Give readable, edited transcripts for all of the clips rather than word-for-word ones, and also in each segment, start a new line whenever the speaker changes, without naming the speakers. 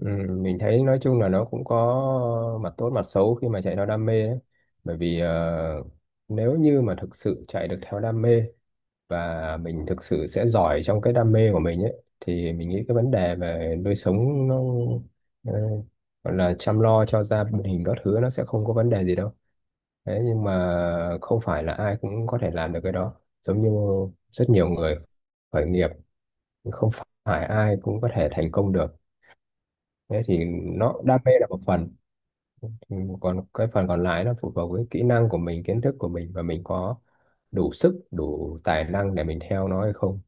Ừ, mình thấy nói chung là nó cũng có mặt tốt mặt xấu khi mà chạy theo đam mê ấy. Bởi vì nếu như mà thực sự chạy được theo đam mê và mình thực sự sẽ giỏi trong cái đam mê của mình ấy, thì mình nghĩ cái vấn đề về nuôi sống nó, ờ, gọi là chăm lo cho gia đình các thứ, nó sẽ không có vấn đề gì đâu. Thế nhưng mà không phải là ai cũng có thể làm được cái đó. Giống như rất nhiều người khởi nghiệp, không phải ai cũng có thể thành công được. Thế thì nó đam mê là một phần. Ừ, còn cái phần còn lại nó phụ thuộc với kỹ năng của mình, kiến thức của mình, và mình có đủ sức đủ tài năng để mình theo nó hay không.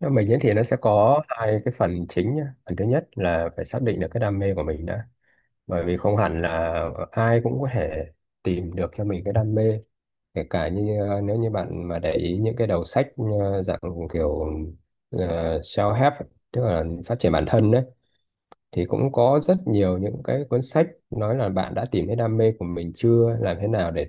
Nếu mình diễn thì nó sẽ có hai cái phần chính nhá. Phần thứ nhất là phải xác định được cái đam mê của mình đã, bởi vì không hẳn là ai cũng có thể tìm được cho mình cái đam mê, kể cả như nếu như bạn mà để ý những cái đầu sách dạng kiểu uh, self-help ấy, tức là phát triển bản thân đấy, thì cũng có rất nhiều những cái cuốn sách nói là bạn đã tìm thấy đam mê của mình chưa, làm thế nào để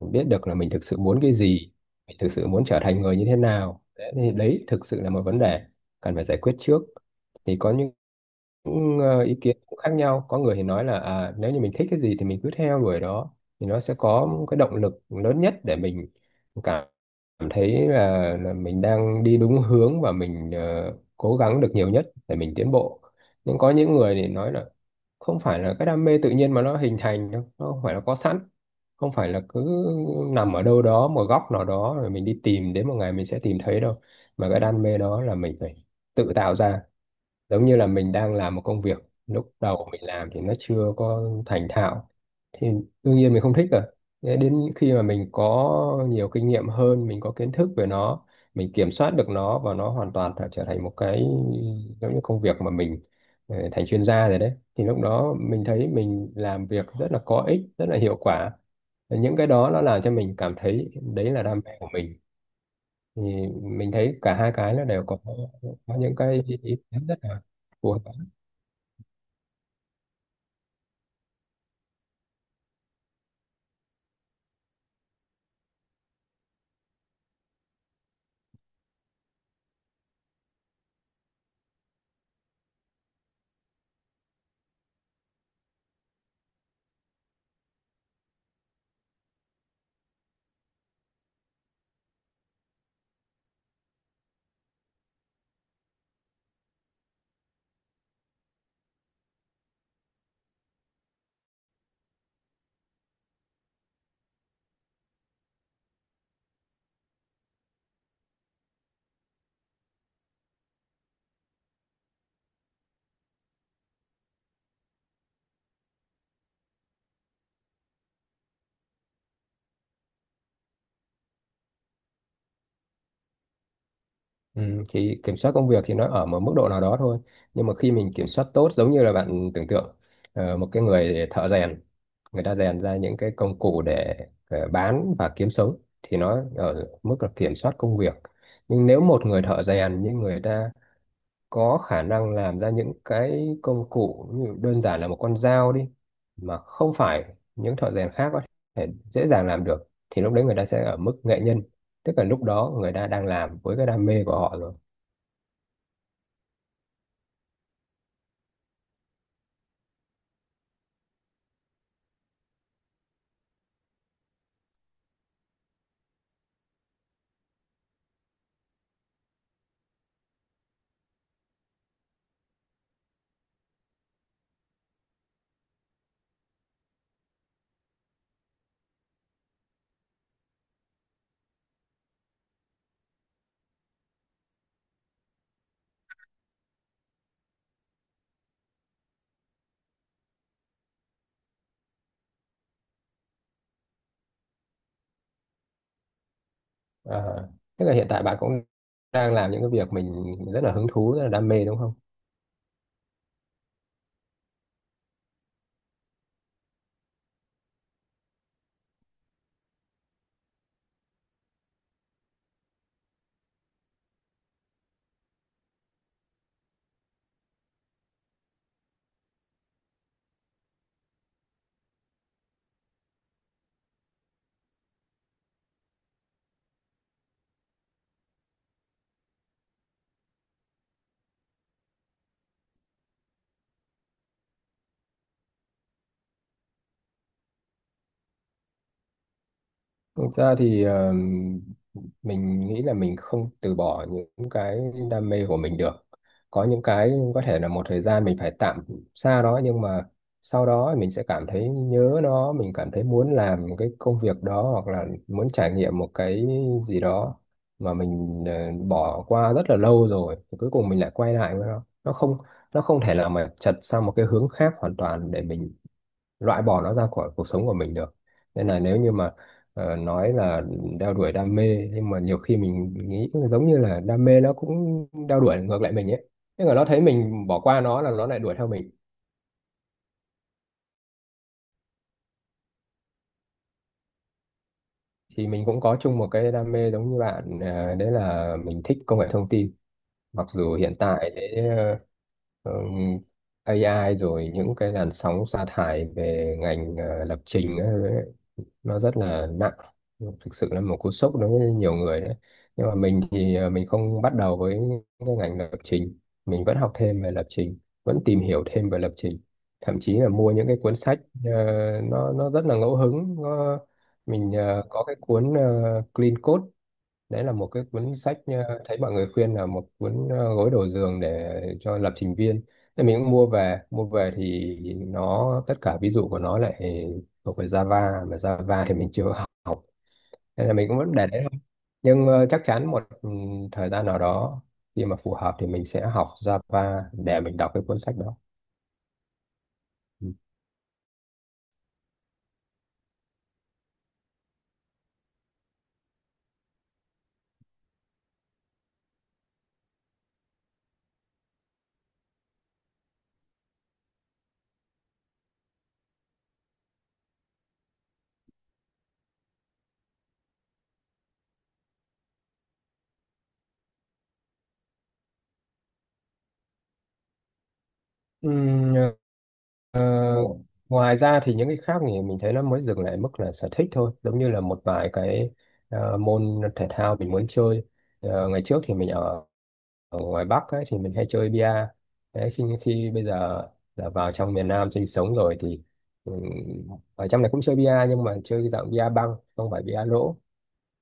biết được là mình thực sự muốn cái gì, mình thực sự muốn trở thành người như thế nào đấy, thì đấy thực sự là một vấn đề cần phải giải quyết trước. Thì có những ý kiến cũng khác nhau. Có người thì nói là à, nếu như mình thích cái gì thì mình cứ theo đuổi đó, thì nó sẽ có cái động lực lớn nhất để mình cảm cảm thấy là mình đang đi đúng hướng, và mình cố gắng được nhiều nhất để mình tiến bộ. Nhưng có những người thì nói là không phải là cái đam mê tự nhiên mà nó hình thành đâu, nó không phải là có sẵn, không phải là cứ nằm ở đâu đó một góc nào đó rồi mình đi tìm đến một ngày mình sẽ tìm thấy đâu, mà cái đam mê đó là mình phải tự tạo ra. Giống như là mình đang làm một công việc, lúc đầu mình làm thì nó chưa có thành thạo thì đương nhiên mình không thích rồi. Thế đến khi mà mình có nhiều kinh nghiệm hơn, mình có kiến thức về nó, mình kiểm soát được nó, và nó hoàn toàn trở trở thành một cái giống như công việc mà mình thành chuyên gia rồi đấy, thì lúc đó mình thấy mình làm việc rất là có ích, rất là hiệu quả. Và những cái đó nó làm cho mình cảm thấy đấy là đam mê của mình. Thì mình thấy cả hai cái nó đều có những cái ý kiến rất là phù hợp. Ừ, thì kiểm soát công việc thì nó ở một mức độ nào đó thôi, nhưng mà khi mình kiểm soát tốt, giống như là bạn tưởng tượng một cái người thợ rèn, người ta rèn ra những cái công cụ để bán và kiếm sống, thì nó ở mức là kiểm soát công việc. Nhưng nếu một người thợ rèn nhưng người ta có khả năng làm ra những cái công cụ, như đơn giản là một con dao đi, mà không phải những thợ rèn khác có thể dễ dàng làm được, thì lúc đấy người ta sẽ ở mức nghệ nhân, tức là lúc đó người ta đang làm với cái đam mê của họ rồi. Ờ, Thế là hiện tại bạn cũng đang làm những cái việc mình rất là hứng thú, rất là đam mê đúng không? Thực ra thì mình nghĩ là mình không từ bỏ những cái đam mê của mình được. Có những cái có thể là một thời gian mình phải tạm xa nó, nhưng mà sau đó mình sẽ cảm thấy nhớ nó, mình cảm thấy muốn làm cái công việc đó hoặc là muốn trải nghiệm một cái gì đó mà mình bỏ qua rất là lâu rồi, thì cuối cùng mình lại quay lại với nó. Nó không thể là mà chật sang một cái hướng khác hoàn toàn để mình loại bỏ nó ra khỏi cuộc sống của mình được. Nên là nếu như mà nói là đeo đuổi đam mê, nhưng mà nhiều khi mình nghĩ giống như là đam mê nó cũng đeo đuổi ngược lại mình ấy, tức là nó thấy mình bỏ qua nó là nó lại đuổi theo mình. Thì mình cũng có chung một cái đam mê giống như bạn, đấy là mình thích công nghệ thông tin. Mặc dù hiện tại đấy, ờ, ừm, AI rồi những cái làn sóng sa thải về ngành lập trình ấy, nó rất là nặng, thực sự là một cú sốc đối với nhiều người đấy. Nhưng mà mình thì à, mình không bắt đầu với cái ngành lập trình, mình vẫn học thêm về lập trình, vẫn tìm hiểu thêm về lập trình, thậm chí là mua những cái cuốn sách ờ, nó rất là ngẫu hứng nó, mình có cái cuốn Clean Code, đấy là một cái cuốn sách thấy mọi người khuyên là một cuốn gối đầu giường để cho lập trình viên. Thì mình cũng mua về, thì nó tất cả ví dụ của nó lại thuộc về Java, mà Java thì mình chưa học, nên là mình cũng vẫn để đấy thôi. Nhưng chắc chắn một thời gian nào đó khi mà phù hợp thì mình sẽ học Java để mình đọc cái cuốn sách đó. Ừ. Ờ, Ngoài ra thì những cái khác thì mình thấy nó mới dừng lại mức là sở thích thôi, giống như là một vài cái môn thể thao mình muốn chơi. Ngày trước thì mình ở ngoài Bắc ấy, thì mình hay chơi bia. Đấy, khi khi bây giờ là vào trong miền Nam sinh sống rồi, thì ừm, ở trong này cũng chơi bia, nhưng mà chơi cái dạng bia băng không phải bia lỗ,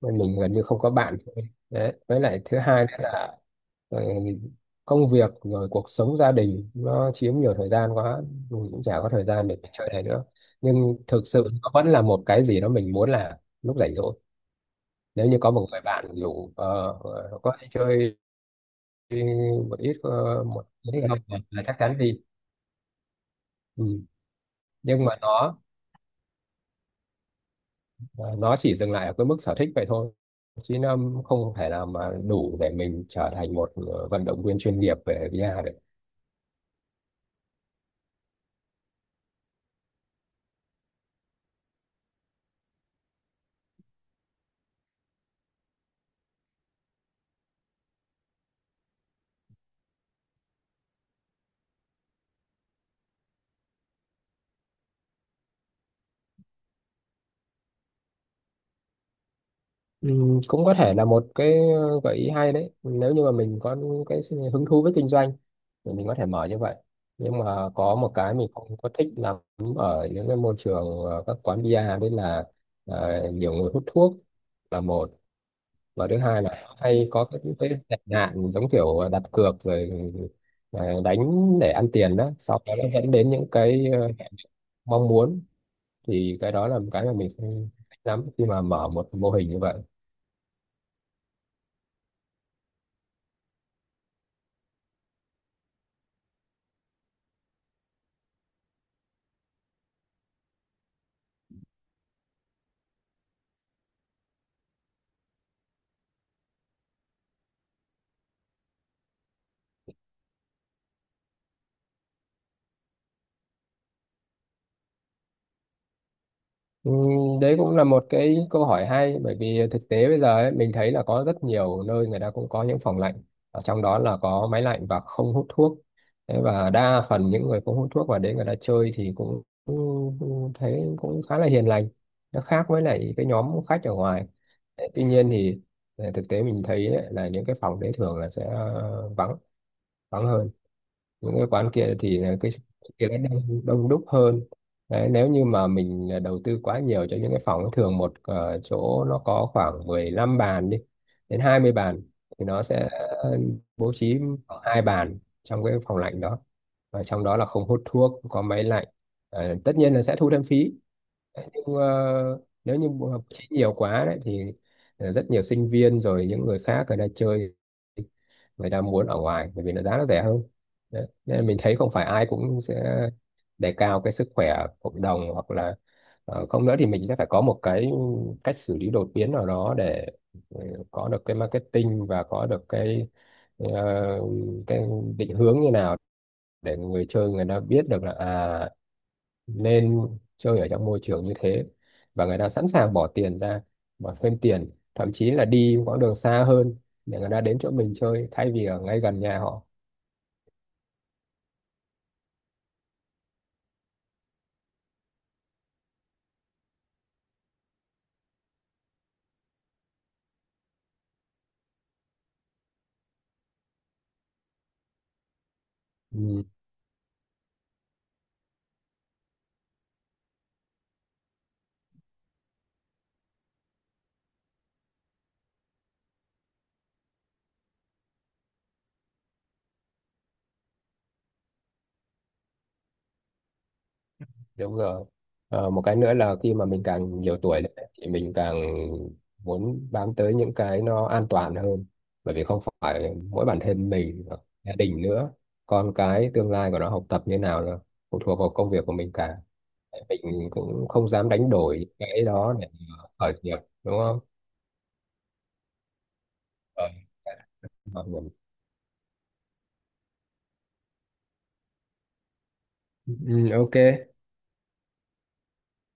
nên mình gần như không có bạn thôi đấy, với lại thứ hai nữa là ờ, công việc rồi cuộc sống gia đình nó chiếm nhiều thời gian quá, mình cũng chả có thời gian để chơi này nữa. Nhưng thực sự nó vẫn là một cái gì đó mình muốn làm lúc rảnh rỗi, nếu như có một người bạn rủ có đi chơi một ít không là chắc chắn đi. Ừ. Nhưng mà nó chỉ dừng lại ở cái mức sở thích vậy thôi, chứ nó không thể nào mà đủ để mình trở thành một vận động viên chuyên nghiệp về VR được. Ừ, cũng có thể là một cái gợi ý hay đấy, nếu như mà mình có cái sự hứng thú với kinh doanh thì mình có thể mở như vậy. Nhưng mà có một cái mình không có thích lắm ở những cái môi trường các quán bia. Đấy là nhiều người hút thuốc là một, và thứ hai là hay có cái tệ nạn giống kiểu đặt cược rồi đánh để ăn tiền đó, sau đó nó dẫn đến những cái mong muốn. Thì cái đó là một cái mà mình không thích lắm khi mà mở một mô hình như vậy. Ừ, đấy cũng là một cái câu hỏi hay, bởi vì thực tế bây giờ ấy, mình thấy là có rất nhiều nơi người ta cũng có những phòng lạnh, ở trong đó là có máy lạnh và không hút thuốc. Thế và đa phần những người không hút thuốc vào đấy người ta chơi thì cũng thấy cũng khá là hiền lành, nó khác với lại cái nhóm khách ở ngoài. Đấy, tuy nhiên thì thực tế mình thấy ấy, là những cái phòng đấy thường là sẽ ờ, vắng vắng hơn những cái quán kia, thì là cái kia nó đông đúc hơn đấy. Nếu như mà mình à, đầu tư quá nhiều cho những cái phòng thường, một chỗ nó có khoảng 15 bàn đi đến 20 bàn, thì nó sẽ bố trí khoảng hai bàn trong cái phòng lạnh đó, và trong đó là không hút thuốc, có máy lạnh. Ờ, tất nhiên là sẽ thu thêm phí. Đấy, nhưng nếu như bố trí nhiều quá đấy thì rất nhiều sinh viên rồi những người khác người ta chơi, người ta muốn ở ngoài bởi vì nó giá nó rẻ hơn. Đấy. Nên là mình thấy không phải ai cũng sẽ đề cao cái sức khỏe cộng đồng, hoặc là không nữa thì mình sẽ phải có một cái cách xử lý đột biến nào đó để ờ, có được cái marketing và có được ờ, cái định hướng như nào, để người chơi người ta biết được là à nên chơi ở trong môi trường như thế, và người ta sẵn sàng bỏ tiền ra, bỏ thêm tiền, thậm chí là đi quãng đường xa hơn để người ta đến chỗ mình chơi thay vì ở ngay gần nhà họ. Ừ. Đúng rồi. Một cái nữa là khi mà mình càng nhiều tuổi lên ấy, thì mình càng muốn bám tới những cái nó an toàn hơn. Bởi vì không phải mỗi bản thân mình, mà gia đình nữa, con cái tương lai của nó học tập như nào nữa, phụ thuộc vào công việc của mình cả. Mình cũng không dám đánh đổi cái đó để mà khởi nghiệp, đúng không? Ờ, Khởi nghiệp. Ừ, ok.